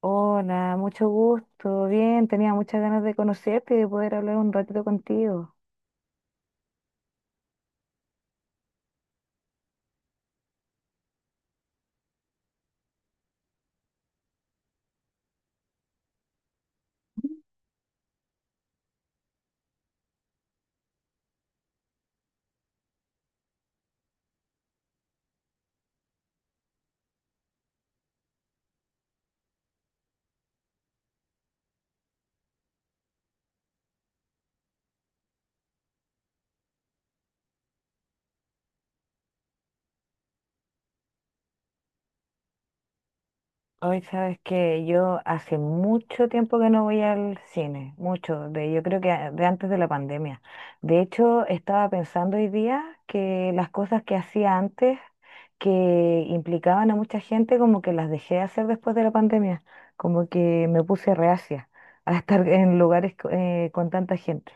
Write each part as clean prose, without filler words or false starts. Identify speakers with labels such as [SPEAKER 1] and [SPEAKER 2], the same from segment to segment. [SPEAKER 1] Hola, mucho gusto. Bien, tenía muchas ganas de conocerte y de poder hablar un ratito contigo. Hoy sabes que yo hace mucho tiempo que no voy al cine, mucho, de, yo creo que de antes de la pandemia. De hecho, estaba pensando hoy día que las cosas que hacía antes, que implicaban a mucha gente, como que las dejé de hacer después de la pandemia, como que me puse reacia a estar en lugares con tanta gente.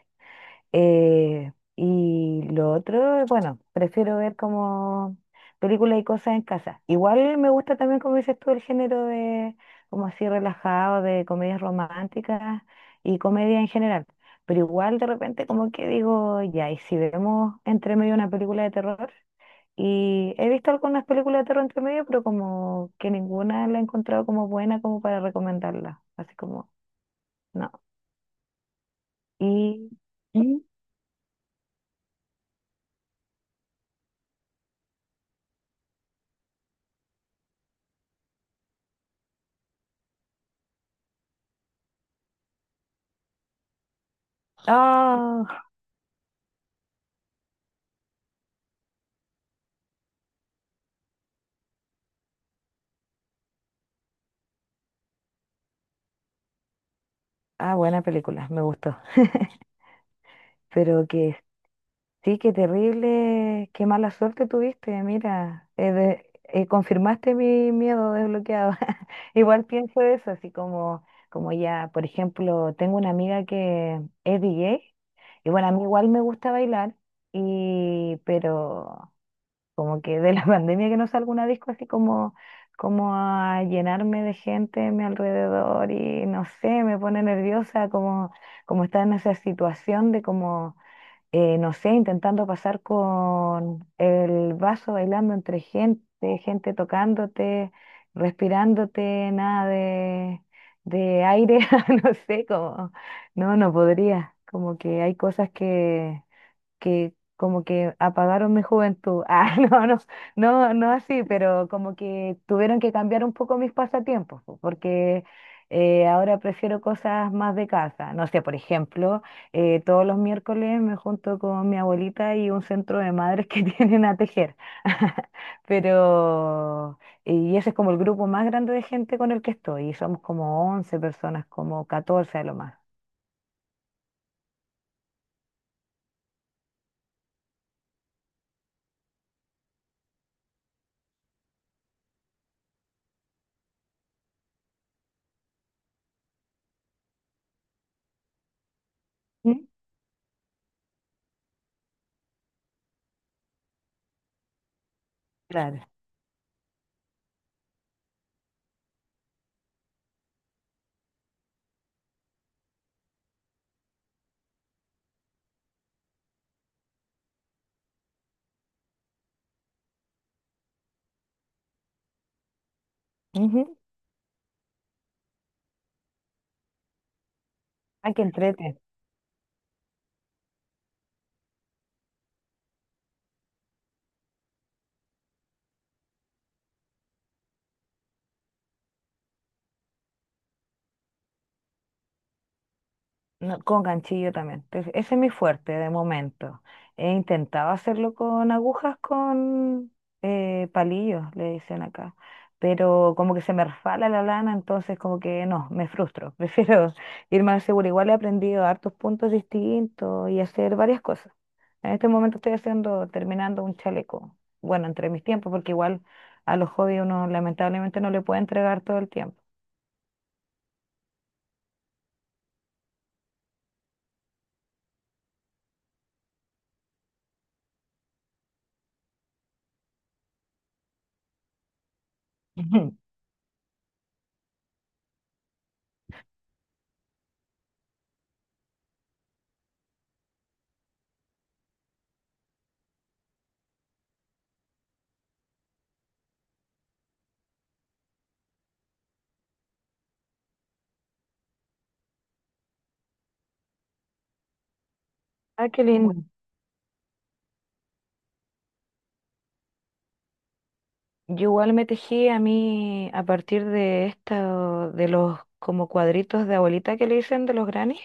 [SPEAKER 1] Eh, y lo otro, bueno, prefiero ver como películas y cosas en casa. Igual me gusta también, como dices tú, el género de, como así relajado, de comedias románticas y comedia en general. Pero igual de repente como que digo, ya, y si vemos entre medio una película de terror, y he visto algunas películas de terror entre medio, pero como que ninguna la he encontrado como buena como para recomendarla. Así como, no. Y... ¿Mm? ¡Ah! Ah, buena película, me gustó. Pero que sí, qué terrible, qué mala suerte tuviste. Mira, confirmaste mi miedo desbloqueado. Igual pienso eso, así como, como ya, por ejemplo, tengo una amiga que es DJ y bueno, a mí igual me gusta bailar, y, pero... Como que de la pandemia que no salgo a una disco así como, como a llenarme de gente a mi alrededor y no sé, me pone nerviosa como, como estar en esa situación de como, no sé, intentando pasar con el vaso bailando entre gente, gente tocándote, respirándote, nada de, de aire, no sé, como, no, no podría, como que hay cosas que como que apagaron mi juventud. Ah, no, no, no, no así, pero como que tuvieron que cambiar un poco mis pasatiempos, po, porque ahora prefiero cosas más de casa. No sé, por ejemplo, todos los miércoles me junto con mi abuelita y un centro de madres que tienen a tejer. Pero, y ese es como el grupo más grande de gente con el que estoy, y somos como 11 personas, como 14 a lo más. ¿Mm? Claro. Ujú. Ah, qué entrete. No, con ganchillo también. Entonces, ese es mi fuerte de momento. He intentado hacerlo con agujas, con palillos, le dicen acá. Pero como que se me resbala la lana, entonces como que no, me frustro. Prefiero ir más seguro. Igual he aprendido hartos puntos distintos y hacer varias cosas. En este momento estoy haciendo, terminando un chaleco. Bueno, entre mis tiempos, porque igual a los hobbies uno lamentablemente no le puede entregar todo el tiempo. Ah, qué bueno, lindo. Yo igual me tejí a mí a partir de esta, de los como cuadritos de abuelita que le dicen de los granny.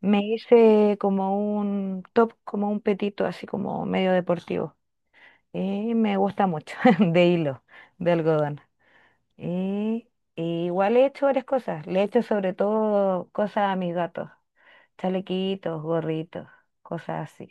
[SPEAKER 1] Me hice como un top, como un petito, así como medio deportivo. Y me gusta mucho, de hilo, de algodón. Y, y igual he hecho varias cosas. Le he hecho sobre todo cosas a mis gatos, chalequitos, gorritos, cosas así.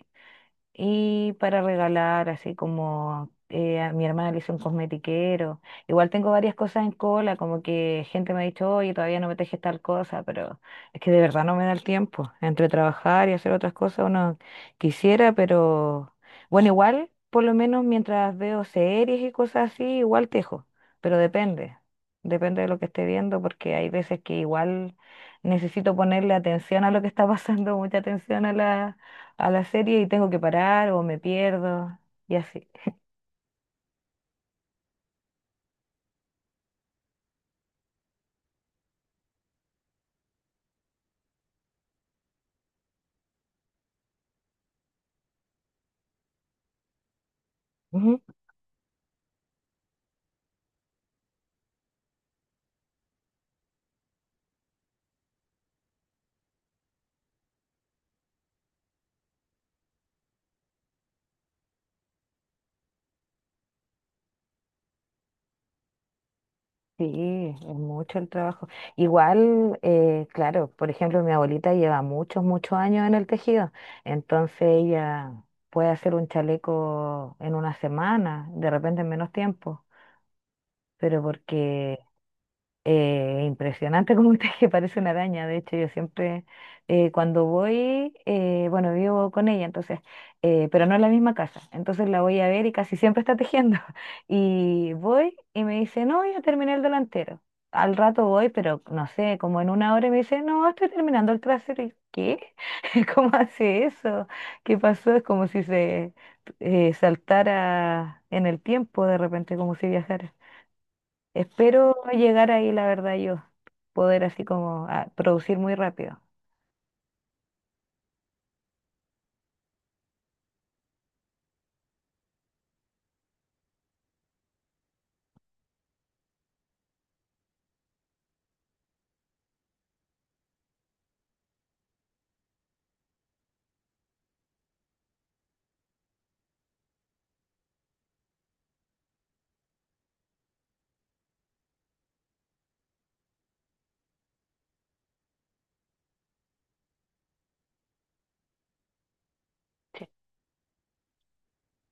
[SPEAKER 1] Y para regalar, así como a mi hermana le hizo un cosmetiquero. Igual tengo varias cosas en cola, como que gente me ha dicho, oye, todavía no me tejes tal cosa, pero es que de verdad no me da el tiempo. Entre trabajar y hacer otras cosas uno quisiera, pero bueno, igual, por lo menos mientras veo series y cosas así, igual tejo, pero depende. Depende de lo que esté viendo, porque hay veces que igual necesito ponerle atención a lo que está pasando, mucha atención a la serie y tengo que parar o me pierdo y así. Ujú. Sí, es mucho el trabajo. Igual, claro, por ejemplo, mi abuelita lleva muchos, muchos años en el tejido, entonces ella puede hacer un chaleco en una semana, de repente en menos tiempo, pero porque eh, impresionante como usted que parece una araña. De hecho, yo siempre cuando voy, bueno, vivo con ella, entonces, pero no en la misma casa. Entonces la voy a ver y casi siempre está tejiendo. Y voy y me dice, no, ya terminé el delantero. Al rato voy, pero no sé, como en una hora y me dice, no, estoy terminando el trasero. ¿Y qué? ¿Cómo hace eso? ¿Qué pasó? Es como si se saltara en el tiempo de repente, como si viajara. Espero llegar ahí, la verdad, yo poder así como ah, producir muy rápido.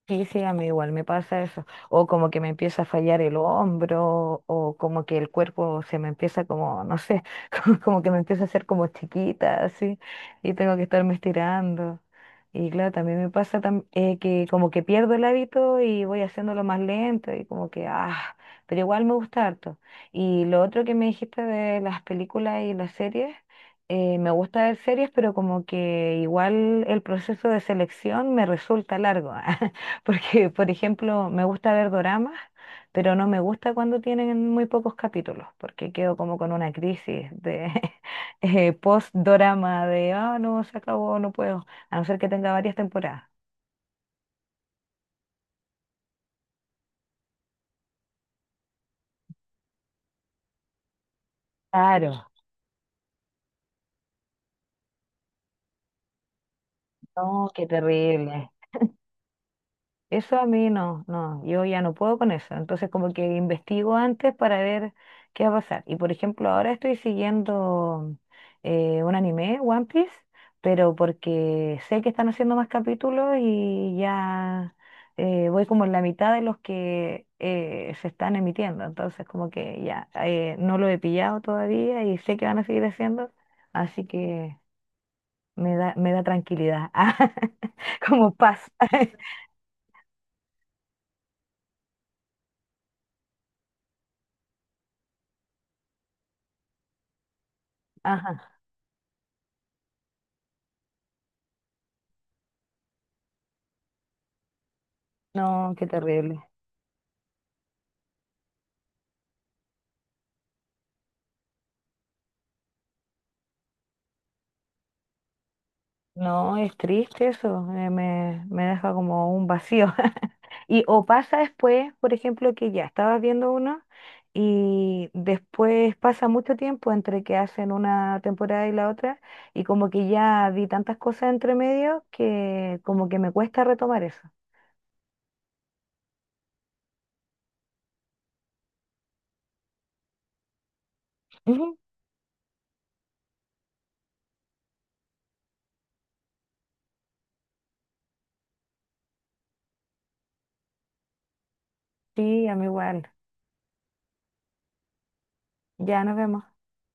[SPEAKER 1] Sí, sí, a mí igual me pasa eso. O como que me empieza a fallar el hombro, o como que el cuerpo se me empieza como, no sé, como, como que me empieza a hacer como chiquita, así, y tengo que estarme estirando. Y claro, también me pasa que como que pierdo el hábito y voy haciéndolo más lento y como que, ah, pero igual me gusta harto. Y lo otro que me dijiste de las películas y las series, me gusta ver series, pero como que igual el proceso de selección me resulta largo. Porque, por ejemplo, me gusta ver doramas, pero no me gusta cuando tienen muy pocos capítulos, porque quedo como con una crisis de post-dorama de, ah, no, se acabó, no puedo, a no ser que tenga varias temporadas. Claro, no, qué terrible. Eso a mí no, no, yo ya no puedo con eso. Entonces como que investigo antes para ver qué va a pasar. Y por ejemplo, ahora estoy siguiendo un anime, One Piece, pero porque sé que están haciendo más capítulos y ya voy como en la mitad de los que se están emitiendo. Entonces como que ya no lo he pillado todavía y sé que van a seguir haciendo, así que me da tranquilidad, como paz. Ajá. No, qué terrible. No, es triste eso. Me deja como un vacío. Y o pasa después, por ejemplo, que ya estabas viendo uno y después pasa mucho tiempo entre que hacen una temporada y la otra y como que ya vi tantas cosas entre medio que como que me cuesta retomar eso. Ujú. Sí, a mí igual. Ya nos vemos.